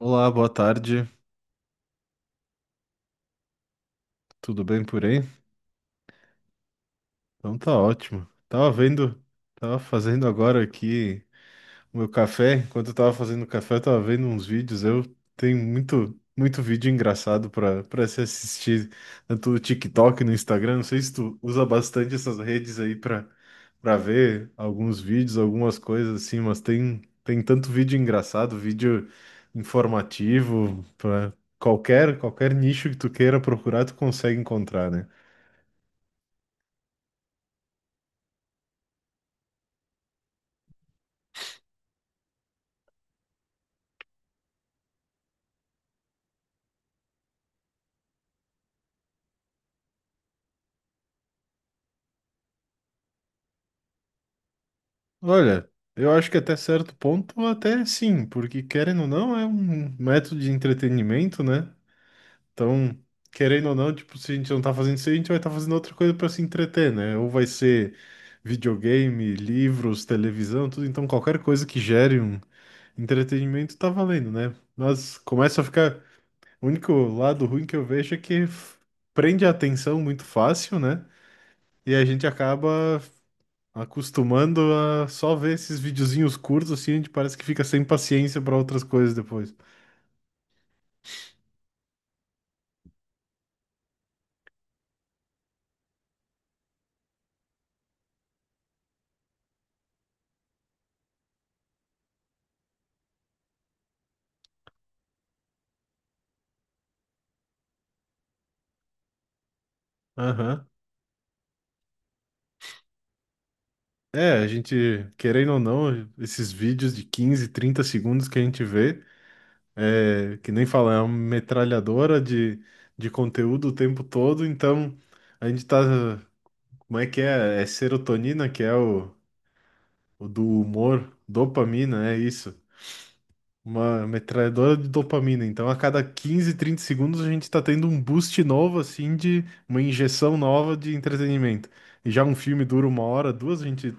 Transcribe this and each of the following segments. Olá, boa tarde. Tudo bem por aí? Então tá ótimo. Tava vendo, tava fazendo agora aqui o meu café. Enquanto eu tava fazendo o café, eu tava vendo uns vídeos. Eu tenho muito, muito vídeo engraçado pra para se assistir, tanto no TikTok, no Instagram. Não sei se tu usa bastante essas redes aí pra para ver alguns vídeos, algumas coisas assim, mas tem tanto vídeo engraçado, vídeo informativo, pra qualquer nicho que tu queira procurar, tu consegue encontrar, né? Olha, eu acho que até certo ponto, até sim, porque querendo ou não, é um método de entretenimento, né? Então, querendo ou não, tipo, se a gente não tá fazendo isso, a gente vai estar fazendo outra coisa para se entreter, né? Ou vai ser videogame, livros, televisão, tudo. Então, qualquer coisa que gere um entretenimento tá valendo, né? Mas começa a ficar. O único lado ruim que eu vejo é que prende a atenção muito fácil, né? E a gente acaba acostumando a só ver esses videozinhos curtos, assim, a gente parece que fica sem paciência para outras coisas depois. Aham. É, a gente, querendo ou não, esses vídeos de 15, 30 segundos que a gente vê, que nem fala, é uma metralhadora de conteúdo o tempo todo, então a gente tá, como é que é? É serotonina, que é o do humor, dopamina, é isso. Uma metralhadora de dopamina. Então, a cada 15 30 segundos, a gente está tendo um boost novo, assim, de uma injeção nova de entretenimento. E já um filme dura uma hora, duas, a gente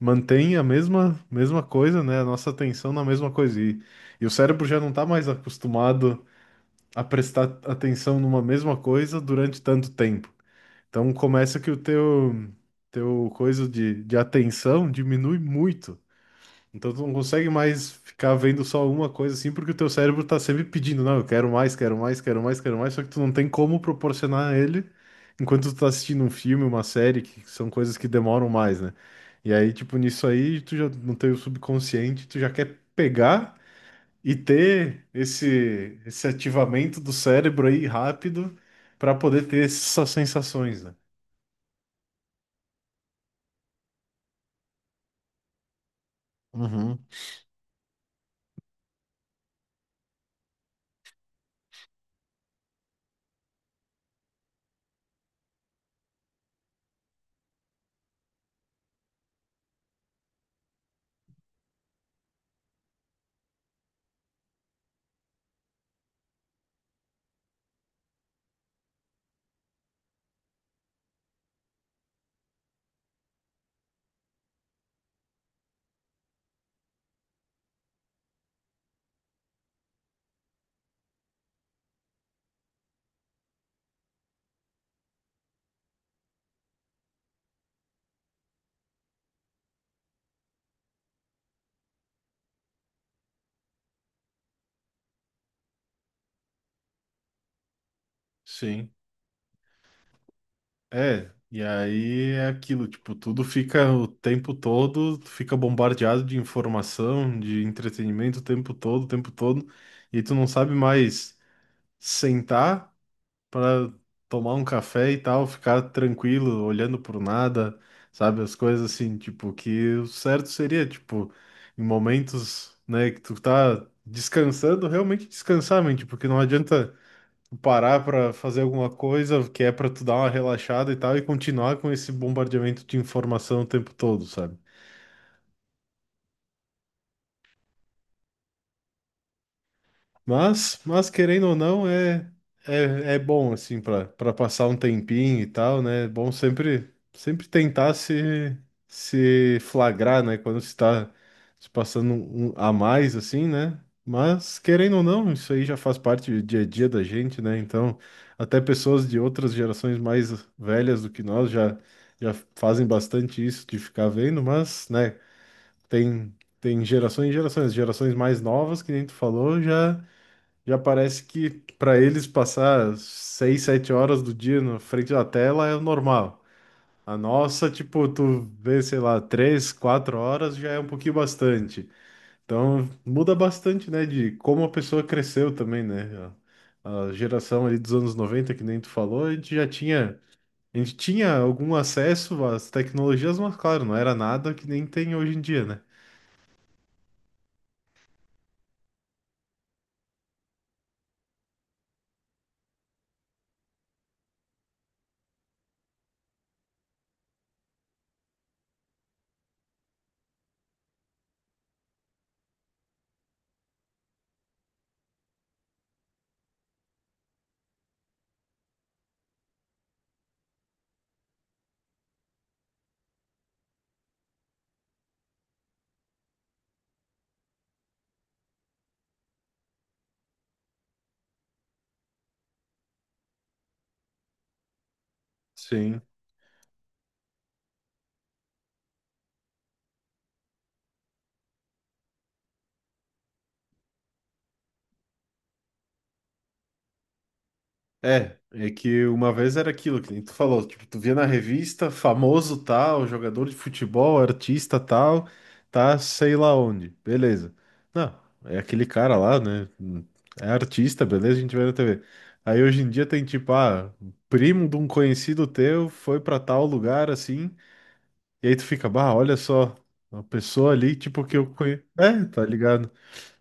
mantém a mesma coisa, né? A nossa atenção na mesma coisa. E o cérebro já não está mais acostumado a prestar atenção numa mesma coisa durante tanto tempo. Então, começa que o teu coisa de atenção diminui muito. Então tu não consegue mais ficar vendo só uma coisa assim, porque o teu cérebro tá sempre pedindo, não, eu quero mais, quero mais, quero mais, quero mais, só que tu não tem como proporcionar a ele enquanto tu tá assistindo um filme, uma série, que são coisas que demoram mais, né? E aí, tipo, nisso aí, tu já não tem o subconsciente, tu já quer pegar e ter esse ativamento do cérebro aí rápido pra poder ter essas sensações, né? Uhum. Sim. É, e aí é aquilo, tipo, tudo fica o tempo todo, tu fica bombardeado de informação, de entretenimento o tempo todo, e tu não sabe mais sentar para tomar um café e tal, ficar tranquilo, olhando por nada, sabe? As coisas assim, tipo, que o certo seria, tipo, em momentos, né, que tu tá descansando, realmente descansar, mente, porque não adianta parar para fazer alguma coisa que é para tu dar uma relaxada e tal e continuar com esse bombardeamento de informação o tempo todo, sabe? Mas querendo ou não, é bom, assim, para passar um tempinho e tal, né? É bom sempre, sempre tentar se flagrar, né? Quando se está se passando um a mais, assim, né? Mas, querendo ou não, isso aí já faz parte do dia a dia da gente, né? Então, até pessoas de outras gerações mais velhas do que nós já fazem bastante isso de ficar vendo, mas, né? Tem, tem gerações e gerações. Gerações mais novas, que nem tu falou, já parece que para eles passar seis, sete horas do dia na frente da tela é o normal. A nossa, tipo, tu vê, sei lá, três, quatro horas já é um pouquinho bastante. Então muda bastante, né, de como a pessoa cresceu também, né? A geração ali dos anos 90 que nem tu falou, a gente tinha algum acesso às tecnologias, mas claro, não era nada que nem tem hoje em dia, né? Sim. É, é que uma vez era aquilo que nem tu falou, tipo, tu via na revista, famoso tal, jogador de futebol, artista tal, tá sei lá onde, beleza. Não, é aquele cara lá, né? É artista, beleza, a gente vê na TV. Aí hoje em dia tem tipo, ah, primo de um conhecido teu foi pra tal lugar assim, e aí tu fica, bah, olha só, uma pessoa ali, tipo, que eu conheço. É, tá ligado?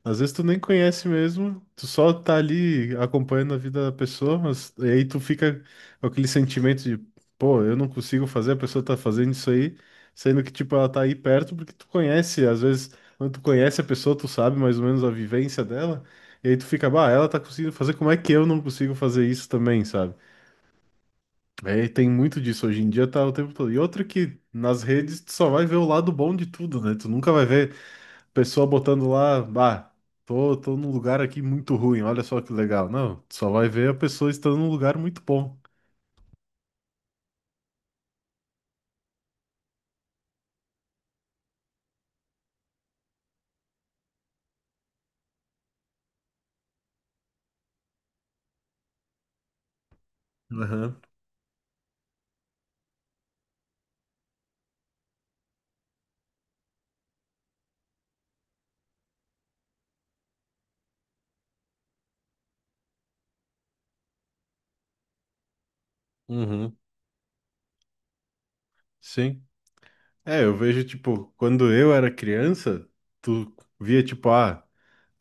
Às vezes tu nem conhece mesmo, tu só tá ali acompanhando a vida da pessoa, mas e aí tu fica com aquele sentimento de, pô, eu não consigo fazer, a pessoa tá fazendo isso aí, sendo que, tipo, ela tá aí perto porque tu conhece, às vezes, quando tu conhece a pessoa, tu sabe mais ou menos a vivência dela, e aí tu fica, bah, ela tá conseguindo fazer, como é que eu não consigo fazer isso também, sabe? É, e tem muito disso hoje em dia, tá o tempo todo. E outra que nas redes tu só vai ver o lado bom de tudo, né? Tu nunca vai ver pessoa botando lá, bah, tô num lugar aqui muito ruim, olha só que legal. Não, tu só vai ver a pessoa estando num lugar muito bom. Aham. Uhum, sim. É, eu vejo, tipo, quando eu era criança, tu via, tipo, ah,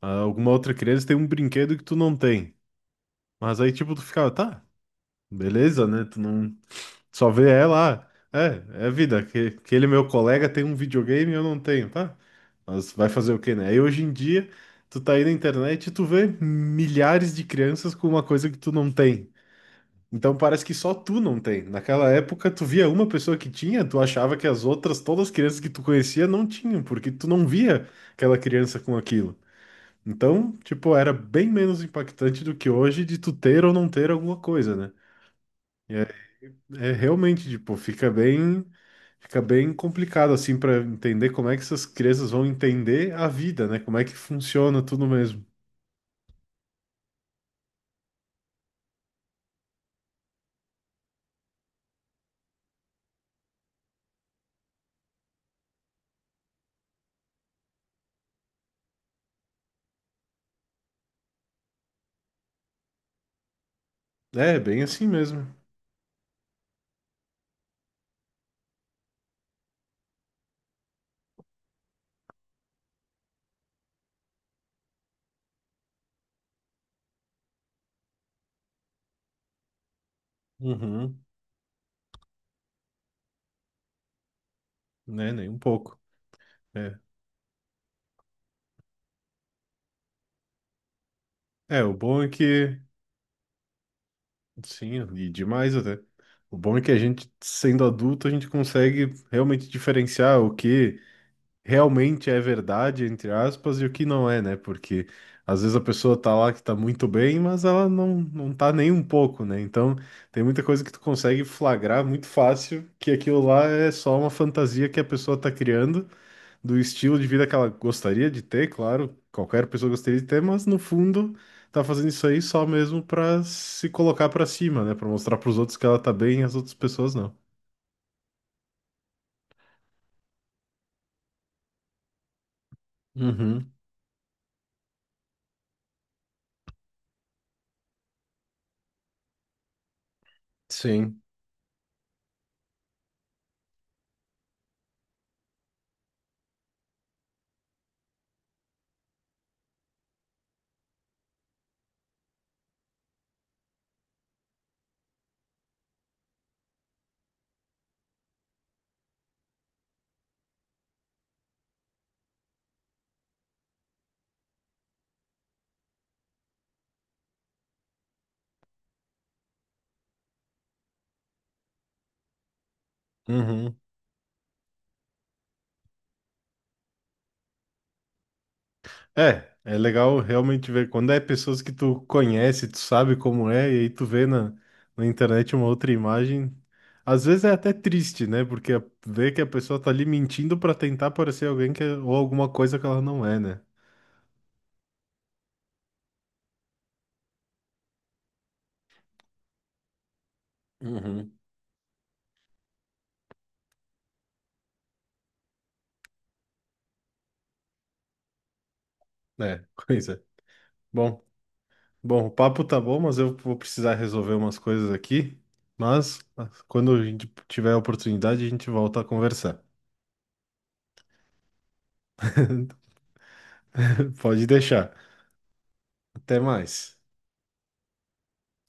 alguma outra criança tem um brinquedo que tu não tem. Mas aí, tipo, tu ficava, tá. Beleza, né? Tu não só vê ela. Ah, é, é vida. Que, aquele meu colega tem um videogame e eu não tenho, tá? Mas vai fazer o quê, né? Aí hoje em dia, tu tá aí na internet e tu vê milhares de crianças com uma coisa que tu não tem. Então parece que só tu não tem. Naquela época, tu via uma pessoa que tinha, tu achava que as outras, todas as crianças que tu conhecia, não tinham, porque tu não via aquela criança com aquilo. Então, tipo, era bem menos impactante do que hoje de tu ter ou não ter alguma coisa, né? É realmente, tipo, fica bem complicado assim para entender como é que essas crianças vão entender a vida, né? Como é que funciona tudo mesmo. É, bem assim mesmo. Uhum, né? Nem um pouco. É. É, o bom é que, sim, e demais até. O bom é que a gente, sendo adulto, a gente consegue realmente diferenciar o que realmente é verdade, entre aspas, e o que não é, né? Porque às vezes a pessoa tá lá que tá muito bem, mas ela não tá nem um pouco, né? Então tem muita coisa que tu consegue flagrar muito fácil que aquilo lá é só uma fantasia que a pessoa tá criando do estilo de vida que ela gostaria de ter, claro, qualquer pessoa gostaria de ter, mas no fundo tá fazendo isso aí só mesmo pra se colocar pra cima, né? Pra mostrar pros outros que ela tá bem e as outras pessoas não. Uhum, sim. Uhum. É, é legal realmente ver quando é pessoas que tu conhece, tu sabe como é, e aí tu vê na internet uma outra imagem. Às vezes é até triste, né? Porque vê que a pessoa tá ali mentindo pra tentar parecer alguém que ou alguma coisa que ela não é, né? Uhum. É, coisa. Bom, bom, o papo tá bom, mas eu vou precisar resolver umas coisas aqui. Mas quando a gente tiver a oportunidade, a gente volta a conversar. Pode deixar. Até mais.